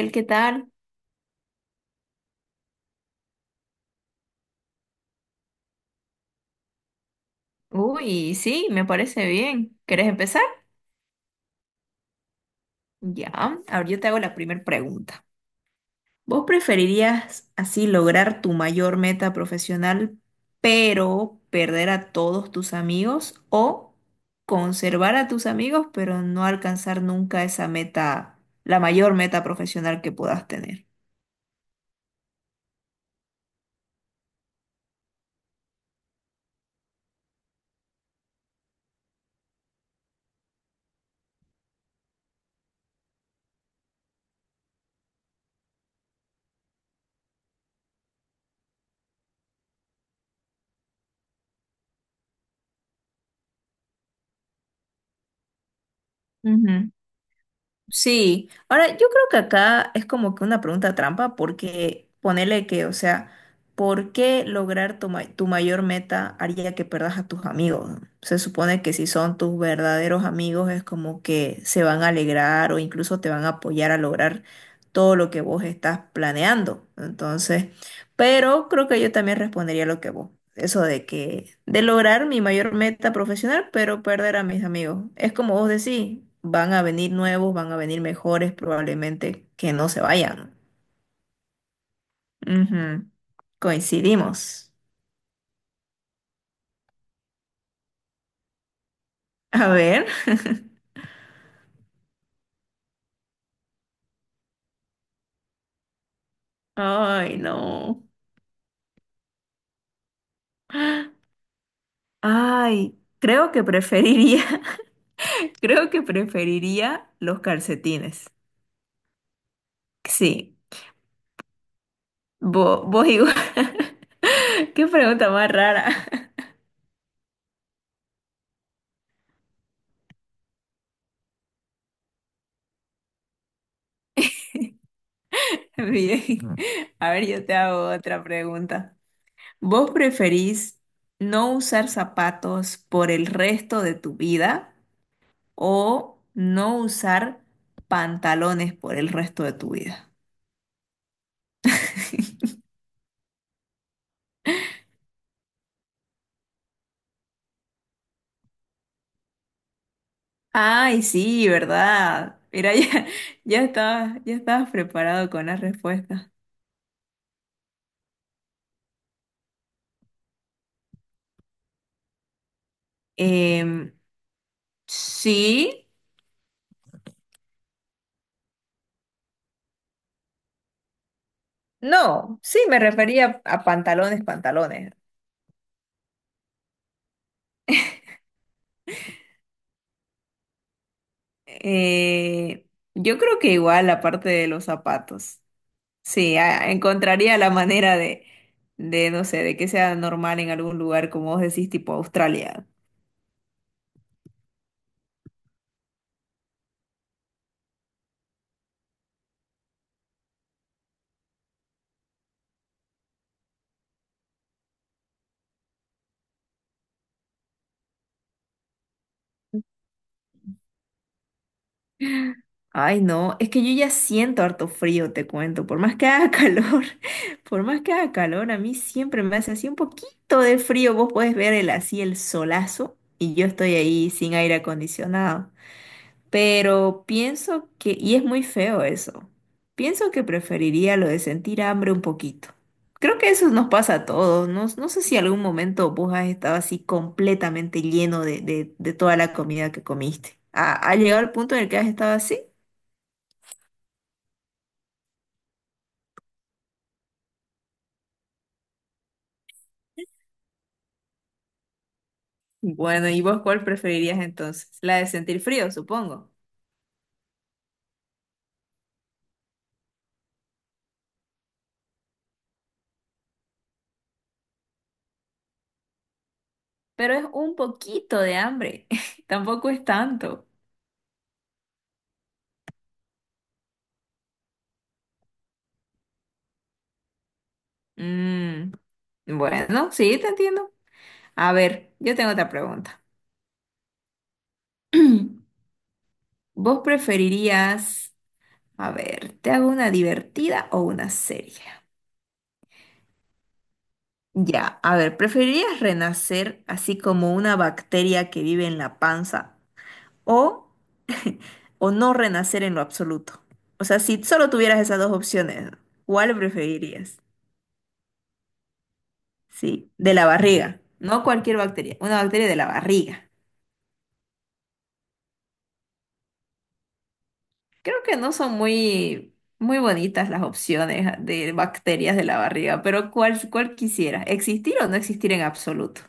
Axel, ¿qué tal? Uy, sí, me parece bien. ¿Quieres empezar? Ya, ahora yo te hago la primera pregunta. ¿Vos preferirías así lograr tu mayor meta profesional, pero perder a todos tus amigos o conservar a tus amigos, pero no alcanzar nunca esa meta, la mayor meta profesional que puedas tener? Ujú. Sí, ahora yo creo que acá es como que una pregunta trampa porque ponele que, o sea, ¿por qué lograr tu mayor meta haría que perdas a tus amigos? Se supone que si son tus verdaderos amigos es como que se van a alegrar o incluso te van a apoyar a lograr todo lo que vos estás planeando. Entonces, pero creo que yo también respondería lo que vos eso de que, de lograr mi mayor meta profesional, pero perder a mis amigos. Es como vos decís, van a venir nuevos, van a venir mejores, probablemente que no se vayan. Ujú. Coincidimos. A ver. Ay, no. Ay, creo que preferiría, creo que preferiría los calcetines. Sí, vos igual. Qué pregunta más rara. Bien. Mm. A ver, yo te hago otra pregunta. ¿Vos preferís no usar zapatos por el resto de tu vida o no usar pantalones por el resto de tu vida? Ay, sí, ¿verdad? Mira, ya, ya estabas preparado con la respuesta. Em, sí, no, sí, me refería a pantalones. Eh, yo creo que igual la parte de los zapatos. Sí, a- encontraría la manera de, no sé, de que sea normal en algún lugar, como vos decís, tipo Australia. Ay, no, es que yo ya siento harto frío, te cuento. Por más que haga calor, por más que haga calor, a mí siempre me hace así un poquito de frío. Vos podés ver el, así el solazo y yo estoy ahí sin aire acondicionado. Pero pienso que, y es muy feo eso, pienso que preferiría lo de sentir hambre un poquito. Creo que eso nos pasa a todos. No, no sé si en algún momento vos has estado así completamente lleno de toda la comida que comiste. Ha llegado al punto en el que has estado así? Bueno, ¿y vos cuál preferirías entonces? La de sentir frío, supongo. Pero es un poquito de hambre. Tampoco es tanto. Mm, bueno, sí, te entiendo. A ver, yo tengo otra pregunta. ¿Vos preferirías, a ver, te hago una divertida o una seria? Ya, a ver, ¿preferirías renacer así como una bacteria que vive en la panza o, o no renacer en lo absoluto? O sea, si solo tuvieras esas dos opciones, ¿cuál preferirías? Sí, de la barriga, no cualquier bacteria, una bacteria de la barriga. Creo que no son muy bonitas las opciones de bacterias de la barriga, pero cuál quisieras? ¿Existir o no existir en absoluto?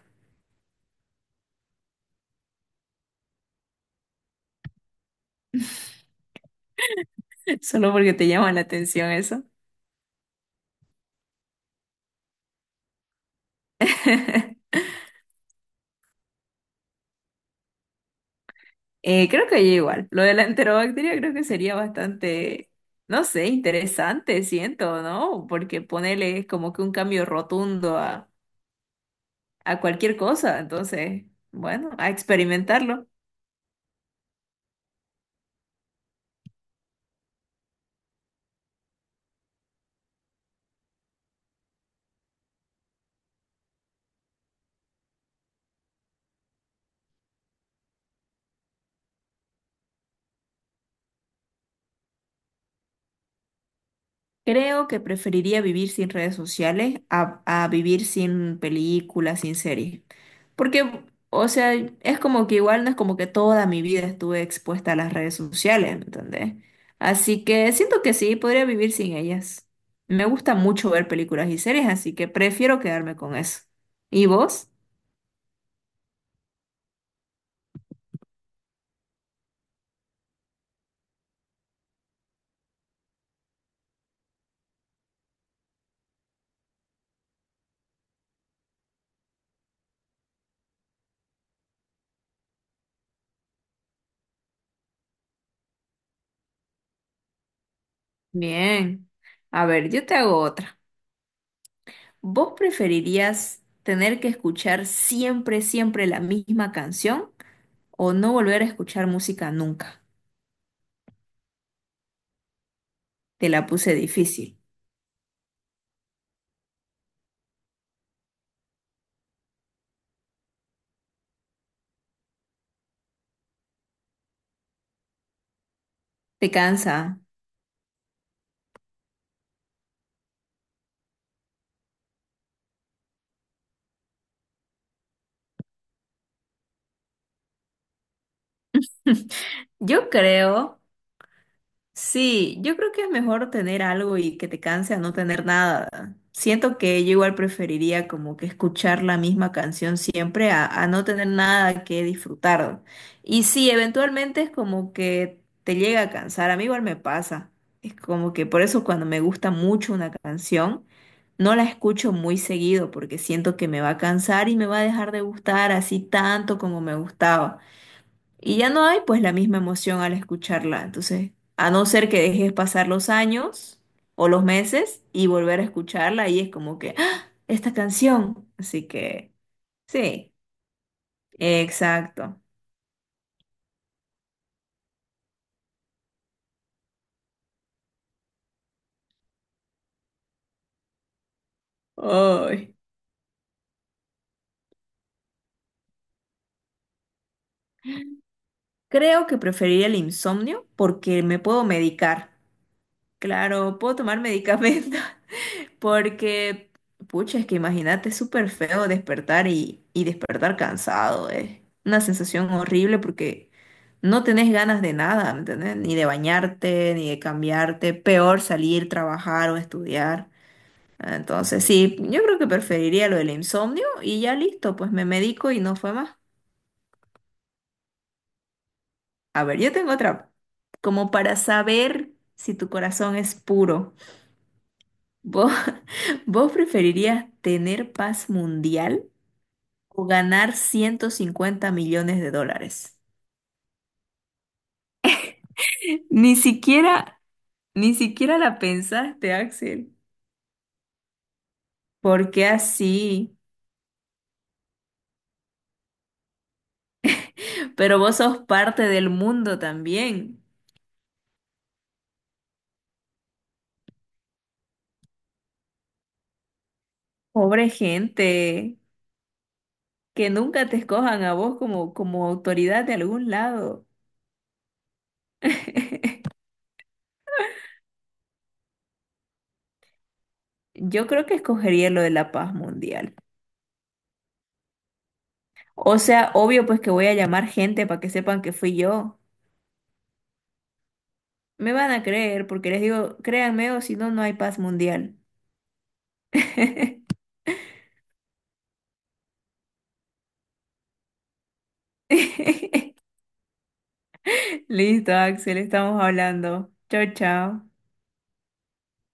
Solo porque te llama la atención eso. Creo que yo igual. Lo de la enterobacteria creo que sería bastante, no sé, interesante, siento, ¿no? Porque ponerle como que un cambio rotundo a cualquier cosa. Entonces, bueno, a experimentarlo. Creo que preferiría vivir sin redes sociales a vivir sin películas, sin series. Porque, o sea, es como que igual no es como que toda mi vida estuve expuesta a las redes sociales, ¿me entendés? Así que siento que sí, podría vivir sin ellas. Me gusta mucho ver películas y series, así que prefiero quedarme con eso. ¿Y vos? Bien. A ver, yo te hago otra. ¿Vos preferirías tener que escuchar siempre, siempre la misma canción o no volver a escuchar música nunca? Te la puse difícil. ¿Te cansa? Yo creo. Sí, yo creo que es mejor tener algo y que te canse a no tener nada. Siento que yo igual preferiría como que escuchar la misma canción siempre a no tener nada que disfrutar. Y sí, eventualmente es como que te llega a cansar, a mí igual me pasa. Es como que por eso cuando me gusta mucho una canción, no la escucho muy seguido porque siento que me va a cansar y me va a dejar de gustar así tanto como me gustaba. Y ya no hay pues la misma emoción al escucharla. Entonces, a no ser que dejes pasar los años o los meses y volver a escucharla, y es como que, ¡ah! Esta canción. Así que sí, exacto. Ay. Creo que preferiría el insomnio porque me puedo medicar. Claro, puedo tomar medicamentos. Porque, pucha, es que imagínate, es súper feo despertar y despertar cansado. Es una sensación horrible porque no tenés ganas de nada, ¿me entendés? Ni de bañarte, ni de cambiarte. Peor salir, trabajar o estudiar. Entonces, sí, yo creo que preferiría lo del insomnio y ya listo, pues me medico y no fue más. A ver, yo tengo otra. Como para saber si tu corazón es puro. ¿Vos, vos preferirías tener paz mundial o ganar 150 millones de dólares? Ni siquiera, ni siquiera la pensaste, Axel. ¿Por qué así? Pero vos sos parte del mundo también. Pobre gente, que nunca te escojan a vos como autoridad de algún lado. Yo creo que escogería lo de la paz mundial. O sea, obvio pues que voy a llamar gente para que sepan que fui yo. Me van a creer porque les digo, créanme o si no, no hay paz mundial. Listo, Axel, estamos hablando. Chao, chao.